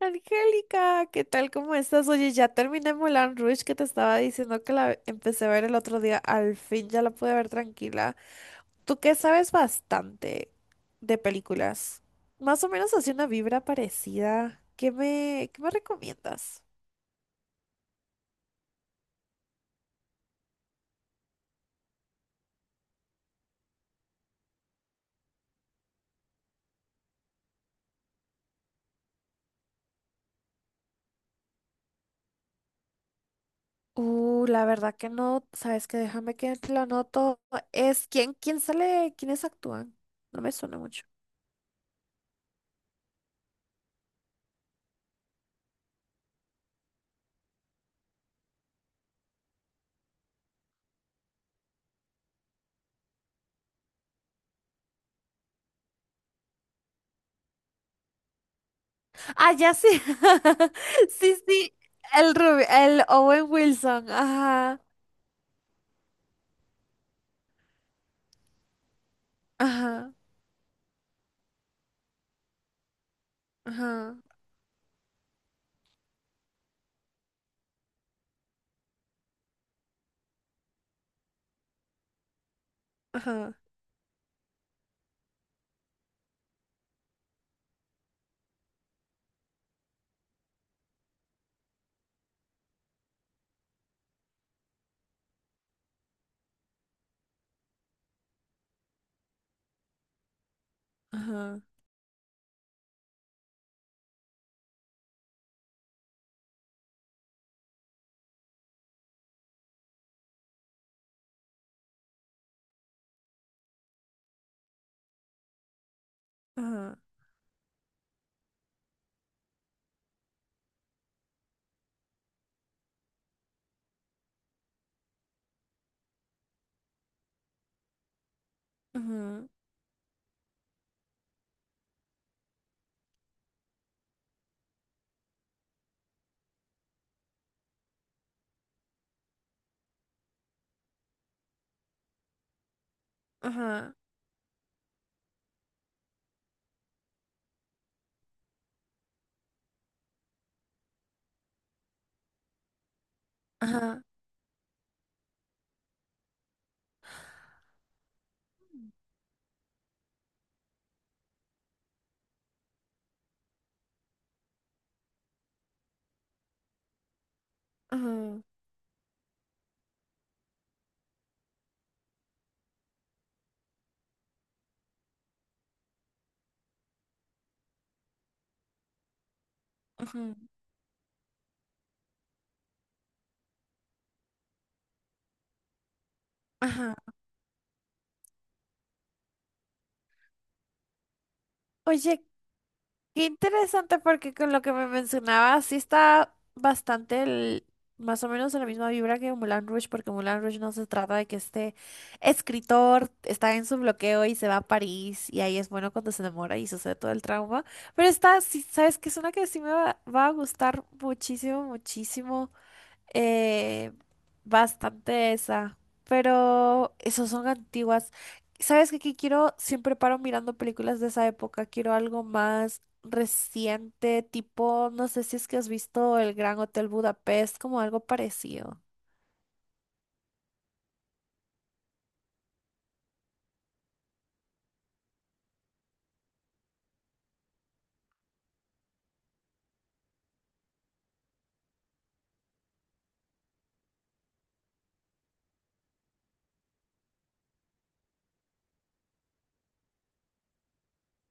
Angélica, ¿qué tal? ¿Cómo estás? Oye, ya terminé Moulin Rouge que te estaba diciendo que la empecé a ver el otro día. Al fin ya la pude ver tranquila. Tú que sabes bastante de películas. Más o menos así una vibra parecida. ¿Qué me recomiendas? La verdad que no. ¿Sabes qué? Déjame que la anoto. Es quién sale, quiénes actúan. No me suena mucho. Ah, ya sí. Sí, sí. El Owen Wilson. Ajá. Ajá, ajá, ajá, ajá, ajá, ajá, ajá, ajá, ajá, ajá, ajá. Oye, qué interesante porque con lo que me mencionabas sí está bastante, más o menos en la misma vibra que Moulin Rouge, porque Moulin Rouge no se trata de que este escritor está en su bloqueo y se va a París y ahí es bueno cuando se enamora y sucede todo el trauma. Pero esta, sí, sabes que es una que sí me va a gustar muchísimo, muchísimo. eh, Bastante esa, pero esas son antiguas. ¿Sabes qué quiero? Siempre paro mirando películas de esa época, quiero algo más reciente, tipo, no sé si es que has visto El Gran Hotel Budapest, como algo parecido.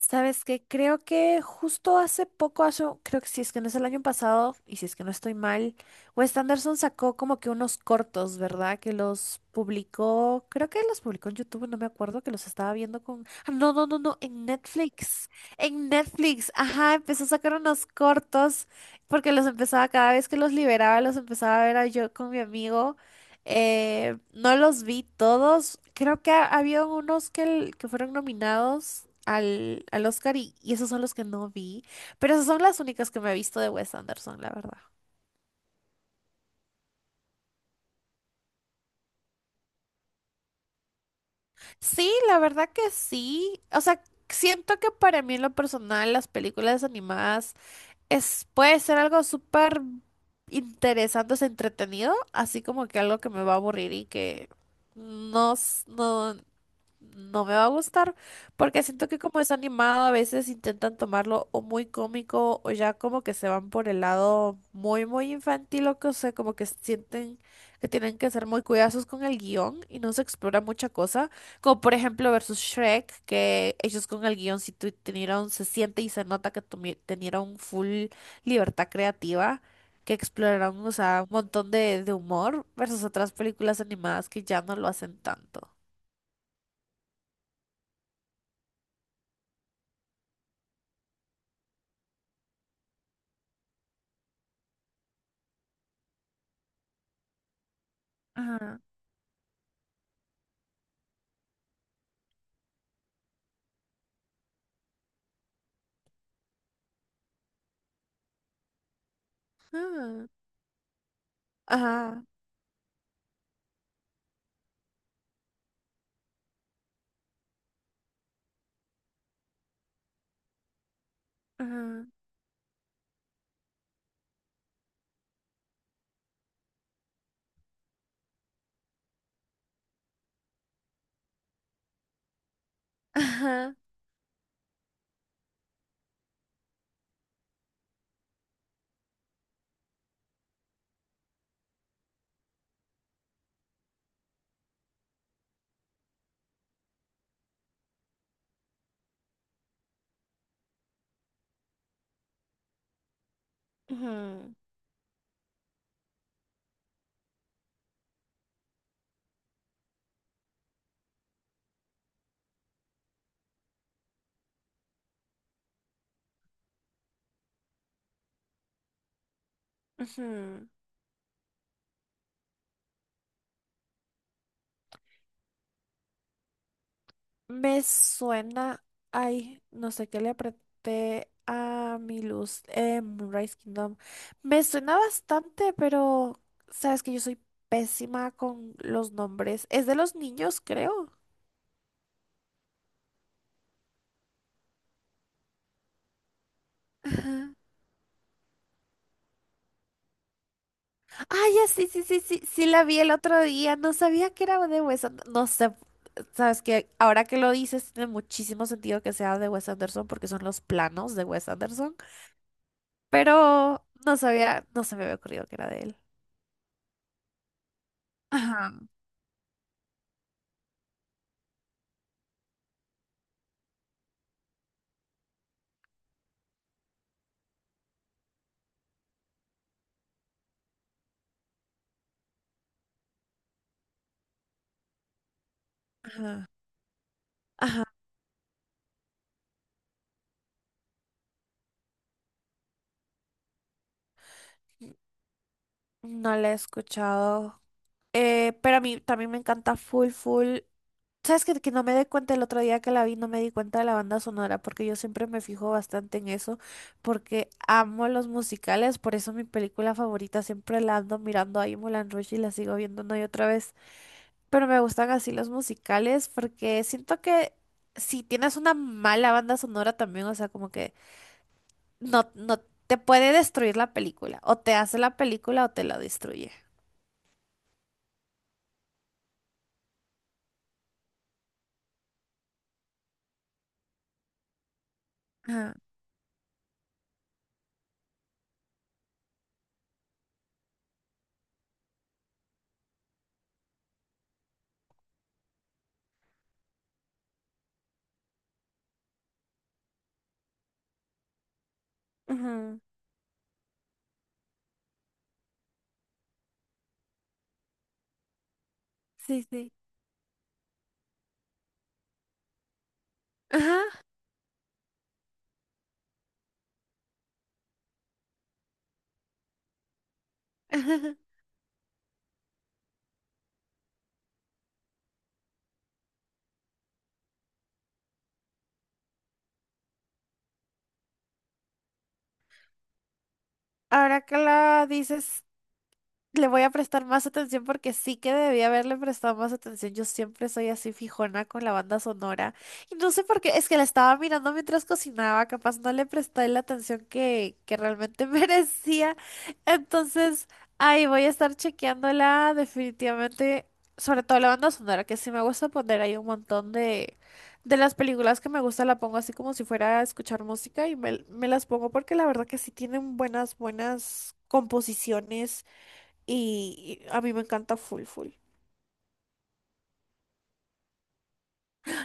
¿Sabes qué? Creo que justo hace poco, hace, creo que si es que no es el año pasado, y si es que no estoy mal, Wes Anderson sacó como que unos cortos, ¿verdad? Que los publicó, creo que los publicó en YouTube, no me acuerdo, que los estaba viendo con... Ah, no, en Netflix, ajá, empezó a sacar unos cortos, porque los empezaba, cada vez que los liberaba, los empezaba a ver a yo con mi amigo. No los vi todos. Creo que había unos que que fueron nominados al Oscar y esos son los que no vi. Pero esas son las únicas que me he visto de Wes Anderson, la verdad. Sí, la verdad que sí. O sea, siento que para mí en lo personal las películas animadas es, puede ser algo súper interesante, es entretenido, así como que algo que me va a aburrir y que no, no, no me va a gustar, porque siento que como es animado, a veces intentan tomarlo o muy cómico o ya como que se van por el lado muy, muy infantil o que, o sea, como que sienten que tienen que ser muy cuidadosos con el guión y no se explora mucha cosa, como por ejemplo versus Shrek, que ellos con el guión sí tenieron, se siente y se nota que tenieron full libertad creativa. Que exploraron, o sea, un montón de humor versus otras películas animadas que ya no lo hacen tanto. Ah, ajá, ajá, ajá, ujú, ujú. Me suena, ay, no sé qué le apreté a mi luz en Moonrise Kingdom. Me suena bastante, pero sabes que yo soy pésima con los nombres. Es de los niños, creo. Ajá. Ah, ya sí, la vi el otro día. No sabía que era de Wes Anderson. No sé, sabes que ahora que lo dices, tiene muchísimo sentido que sea de Wes Anderson porque son los planos de Wes Anderson. Pero no sabía, no se me había ocurrido que era de él. Ajá, ajá. Ajá, no la he escuchado. Pero a mí también me encanta full, full. ¿Sabes que no me di cuenta el otro día que la vi? No me di cuenta de la banda sonora porque yo siempre me fijo bastante en eso porque amo los musicales, por eso mi película favorita siempre la ando mirando ahí Moulin Rouge y la sigo viendo una y otra vez. Pero me gustan así los musicales porque siento que si tienes una mala banda sonora también, o sea, como que no, no te puede destruir la película, o te hace la película o te la destruye. Ajá. Ujú. Sí, sí. Ajá. Ahora que la dices, le voy a prestar más atención porque sí que debí haberle prestado más atención. Yo siempre soy así fijona con la banda sonora. Y no sé por qué, es que la estaba mirando mientras cocinaba, capaz no le presté la atención que realmente merecía. Entonces, ahí voy a estar chequeándola definitivamente, sobre todo la banda sonora, que sí me gusta poner ahí un montón de las películas que me gusta, la pongo así como si fuera a escuchar música y me las pongo porque la verdad que sí tienen buenas, buenas composiciones y a mí me encanta full full.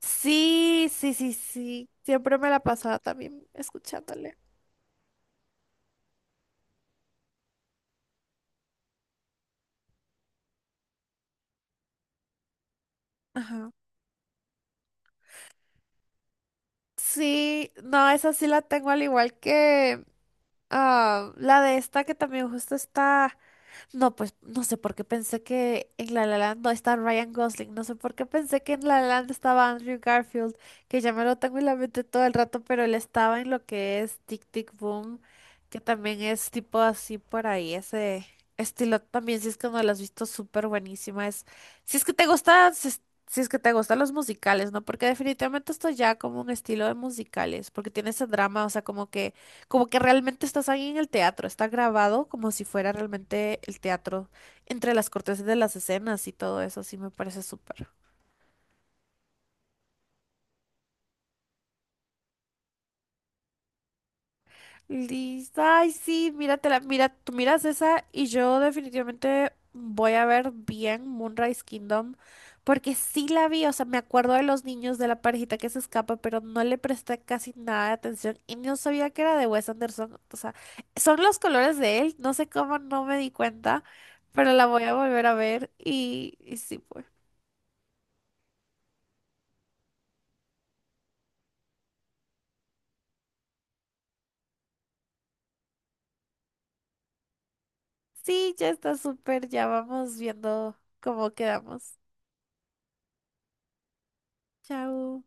Sí. Siempre me la pasaba también escuchándole. Ajá. Sí, no, esa sí la tengo al igual que ah, la de esta que también justo está. No, pues no sé por qué pensé que en La La Land no está Ryan Gosling, no sé por qué pensé que en La La Land estaba Andrew Garfield, que ya me lo tengo en la mente todo el rato, pero él estaba en lo que es Tic Tic Boom, que también es tipo así por ahí, ese estilo también, si es que no lo has visto, súper buenísima, es, si es que te gusta, si es que te gustan los musicales, ¿no? Porque definitivamente esto ya como un estilo de musicales, porque tiene ese drama, o sea, como que realmente estás ahí en el teatro, está grabado como si fuera realmente el teatro entre las cortesas de las escenas y todo eso, sí me parece súper. Listo. Ay, sí, míratela, mira, tú miras esa y yo definitivamente voy a ver bien Moonrise Kingdom porque sí la vi, o sea, me acuerdo de los niños de la parejita que se escapa, pero no le presté casi nada de atención y no sabía que era de Wes Anderson, o sea, son los colores de él, no sé cómo no me di cuenta, pero la voy a volver a ver y sí, pues. Sí, ya está súper, ya vamos viendo cómo quedamos. Chao.